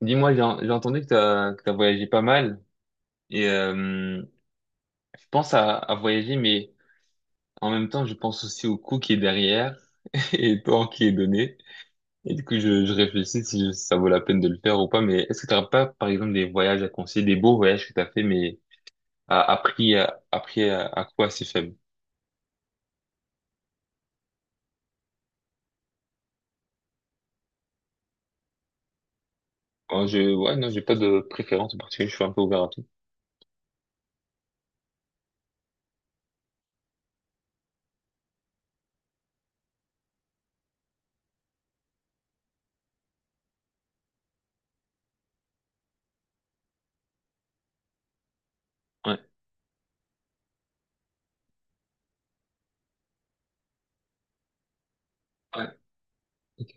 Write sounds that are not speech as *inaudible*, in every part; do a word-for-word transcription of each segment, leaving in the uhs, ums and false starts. Dis-moi, j'ai j'ai entendu que t'as que t'as voyagé pas mal et euh, je pense à, à voyager, mais en même temps, je pense aussi au coût qui est derrière *laughs* et au temps qui est donné. Et du coup, je, je réfléchis si je- si ça vaut la peine de le faire ou pas. Mais est-ce que t'auras pas, par exemple, des voyages à conseiller, des beaux voyages que t'as fait, mais à, à prix à, à prix à, à coût assez faible? Oh, je, ouais, non, j'ai pas de préférence en particulier. Je suis un peu ouvert à tout. Ouais, ouais. Ok.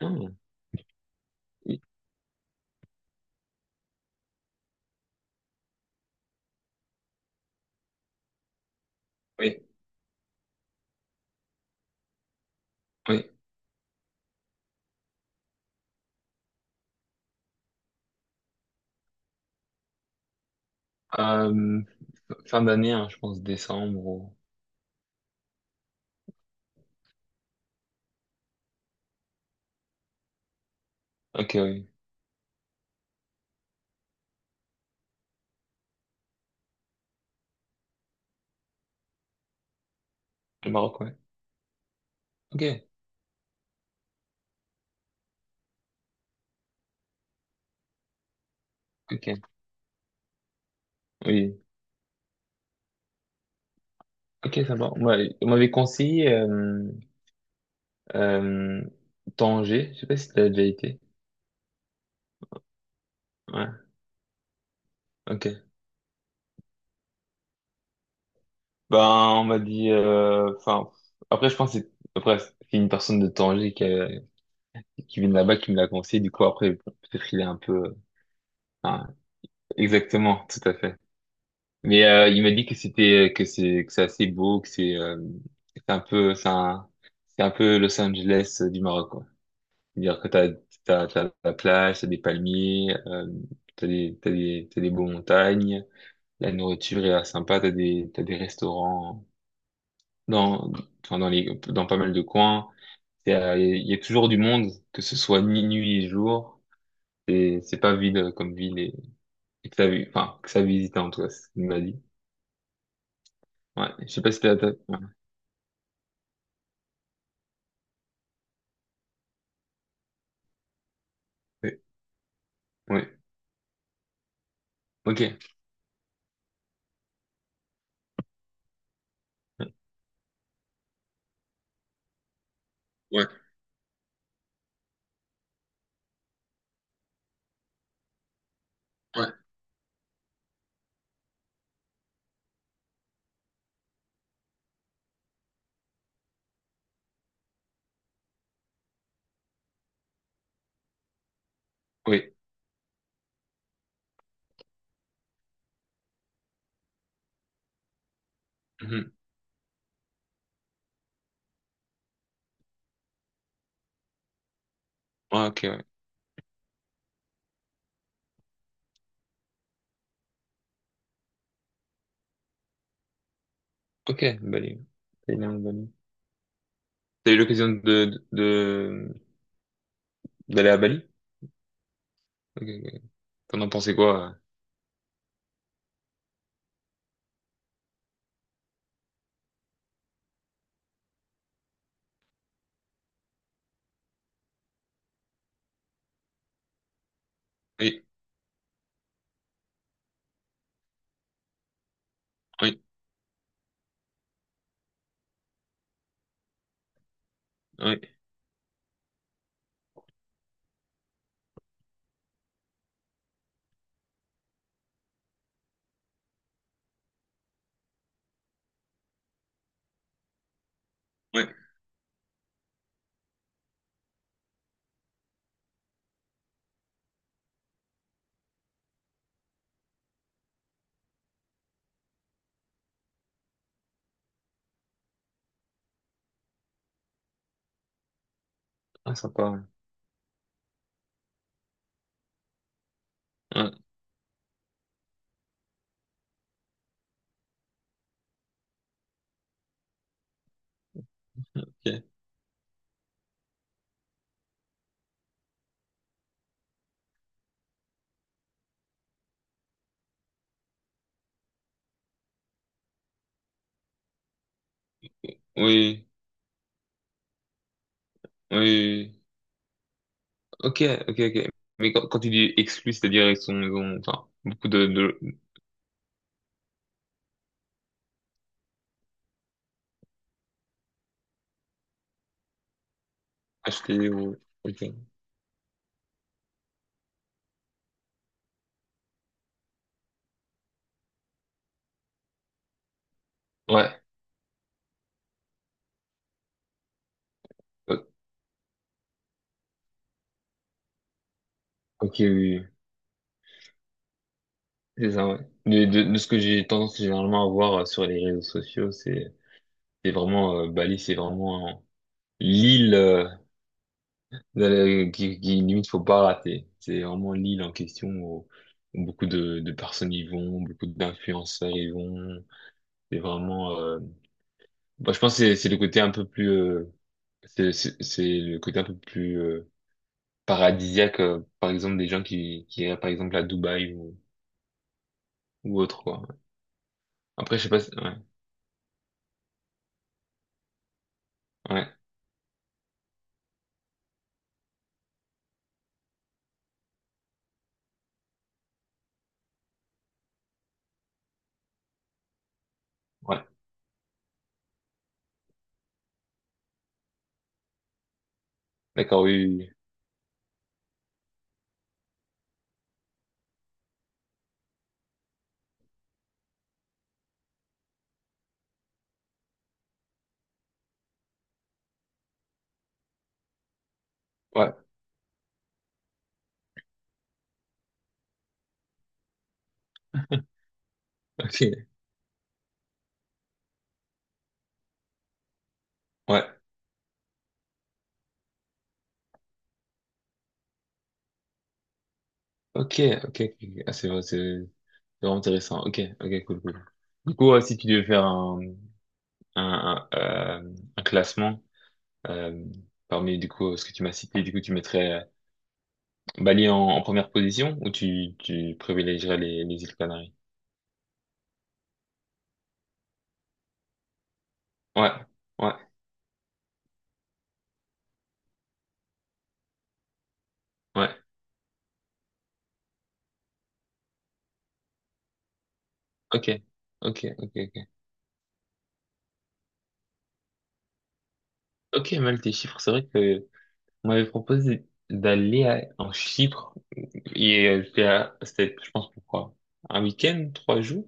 Ah, oui, oui, oui. Euh, Fin d'année, hein, je pense décembre. Ou- Ok, oui. Le Maroc, ouais. Ok, ok, oui. Ok, ça va. Ouais, on m'avait conseillé euh, euh, Tanger. Je sais pas si t'as déjà été. Ouais, ok. Ben, on m'a dit... euh, Enfin, après, je pense que c'est... Après, c'est une personne de Tanger qui, a- qui vient de là-bas qui me l'a conseillé. Du coup, après, bon, peut-être il est un peu... euh, hein, exactement, tout à fait. Mais euh, il m'a dit que c'était... que c'est que c'est assez beau, que c'est euh, c'est un peu... C'est un, c'est un peu Los Angeles euh, du Maroc, quoi. C'est-à-dire que t'as, t'as, t'as la plage, t'as des palmiers, euh, t'as des, t'as des, t'as des beaux montagnes, la nourriture est là sympa, t'as des, t'as des restaurants dans, enfin, dans les, dans pas mal de coins. Il y a, il y a toujours du monde, que ce soit ni nuit ni jour. Et c'est pas vide comme ville et, et que ça, vi- enfin, que ça visite en tout cas, c'est ce qu'il m'a dit. Ouais, je sais pas si t'as, t'as... Ouais, ouais, ok. Ouais, ouais, oui. Mhm. Ouais, ok, ouais. Ok, Bali. Thaïlande, Bali. T'as eu l'occasion de, de, d'aller à Bali? Ok, ok. T'en as pensé quoi? euh Oui, oui, oui, oui. Ah, sympa, ouais. Ouais, ok. Oui, oui, oui. Ok, ok, ok. Mais quand, quand tu dis exclu, c'est-à-dire ils sont, ils ont, enfin, beaucoup de, de acheter ou. Ok. Ouais. O- Ok, oui, oui. C'est ça, ouais. De, de, de ce que j'ai tendance généralement à voir euh, sur les réseaux sociaux, c'est, c'est vraiment, euh, Bali, c'est vraiment euh, l'île. euh, euh, qui, qui limite faut pas rater. C'est vraiment l'île en question où, où beaucoup de, de personnes y vont, beaucoup d'influenceurs y vont. C'est vraiment, euh, bah, je pense que c'est c'est le côté un peu plus, euh, c'est c'est- c'est le côté un peu plus euh, paradisiaque, euh, par exemple des gens qui qui iraient par exemple à Dubaï ou ou autre quoi. Après je sais pas, si- ouais, ouais, ouais, d'accord, oui, oui, oui, ouais. *laughs* Ok, ouais, ok, ok, ok. Ah, c'est vrai, c'est c'est vraiment intéressant. Ok, ok, cool, cool. Du coup, euh, si tu devais faire un un, un, euh, un classement euh, parmi du coup ce que tu m'as cité. Du coup, tu mettrais euh, Bali en, en première position ou tu, tu privilégierais les, les îles Canaries? Ouais, ouais, ouais. Ok, ok, ok, ok. Ok, mal tes chiffres. C'est vrai que on m'avait proposé d'aller à- en Chypre et euh, c'était, à- c'était, je pense, pourquoi? Un week-end, trois jours.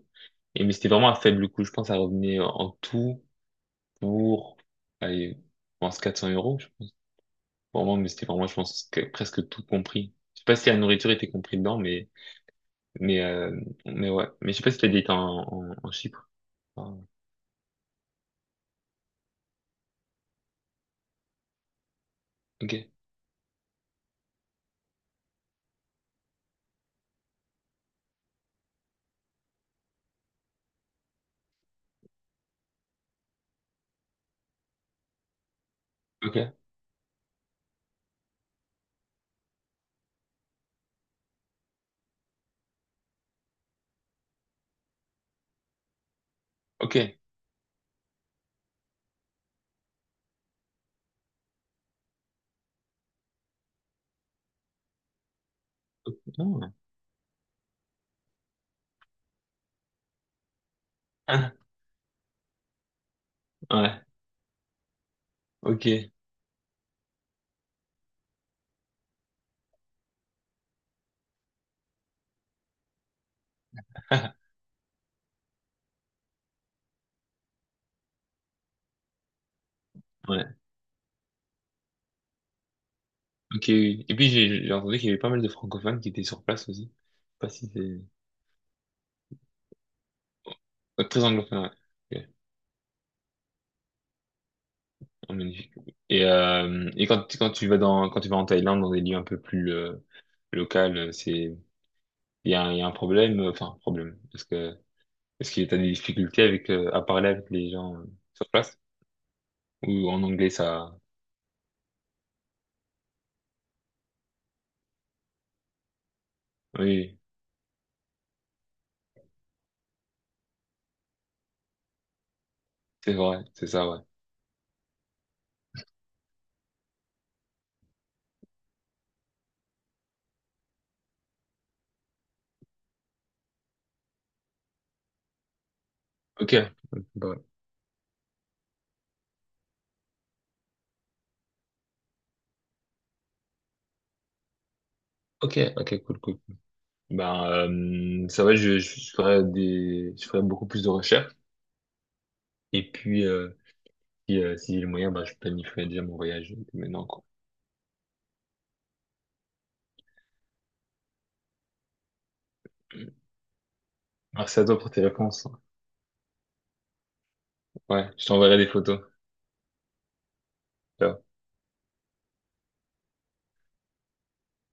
Et mais c'était vraiment un faible coût. Je pense à revenir en tout pour, allez, je pense quatre cents euros. Vraiment, mais c'était vraiment, je pense, que presque tout compris. Je sais pas si la nourriture était compris dedans, mais, mais, euh, mais ouais. Mais je sais pas si t'as dit t'es en, en, en Chypre. Ah, ok, ok, ok. Oh. Ah, ouais, ok. *laughs* Ouais, ok, oui. Et puis j'ai j'ai entendu qu'il y avait pas mal de francophones qui étaient sur place aussi. Je sais pas si c'est ouais, très anglophone, ouais. Ok. Oh, magnifique. Et euh, et quand tu- quand tu vas dans quand tu vas en Thaïlande dans des lieux un peu plus euh, locaux, c'est il y a, un- il y a un problème, euh, enfin problème, parce que est-ce que t'as des difficultés avec euh, à parler avec les gens euh, sur place? Ou en anglais ça... Oui, c'est vrai, c'est ça, ouais. Ok, bah, ok, ok, cool, cool. Ben, euh, ça va, je, je ferai des, je ferai beaucoup plus de recherches. Et puis, euh, si, euh, si j'ai le moyen, ben, je planifierai déjà mon voyage maintenant, quoi. Merci à toi pour tes réponses. Ouais, je t'enverrai des photos. Ciao.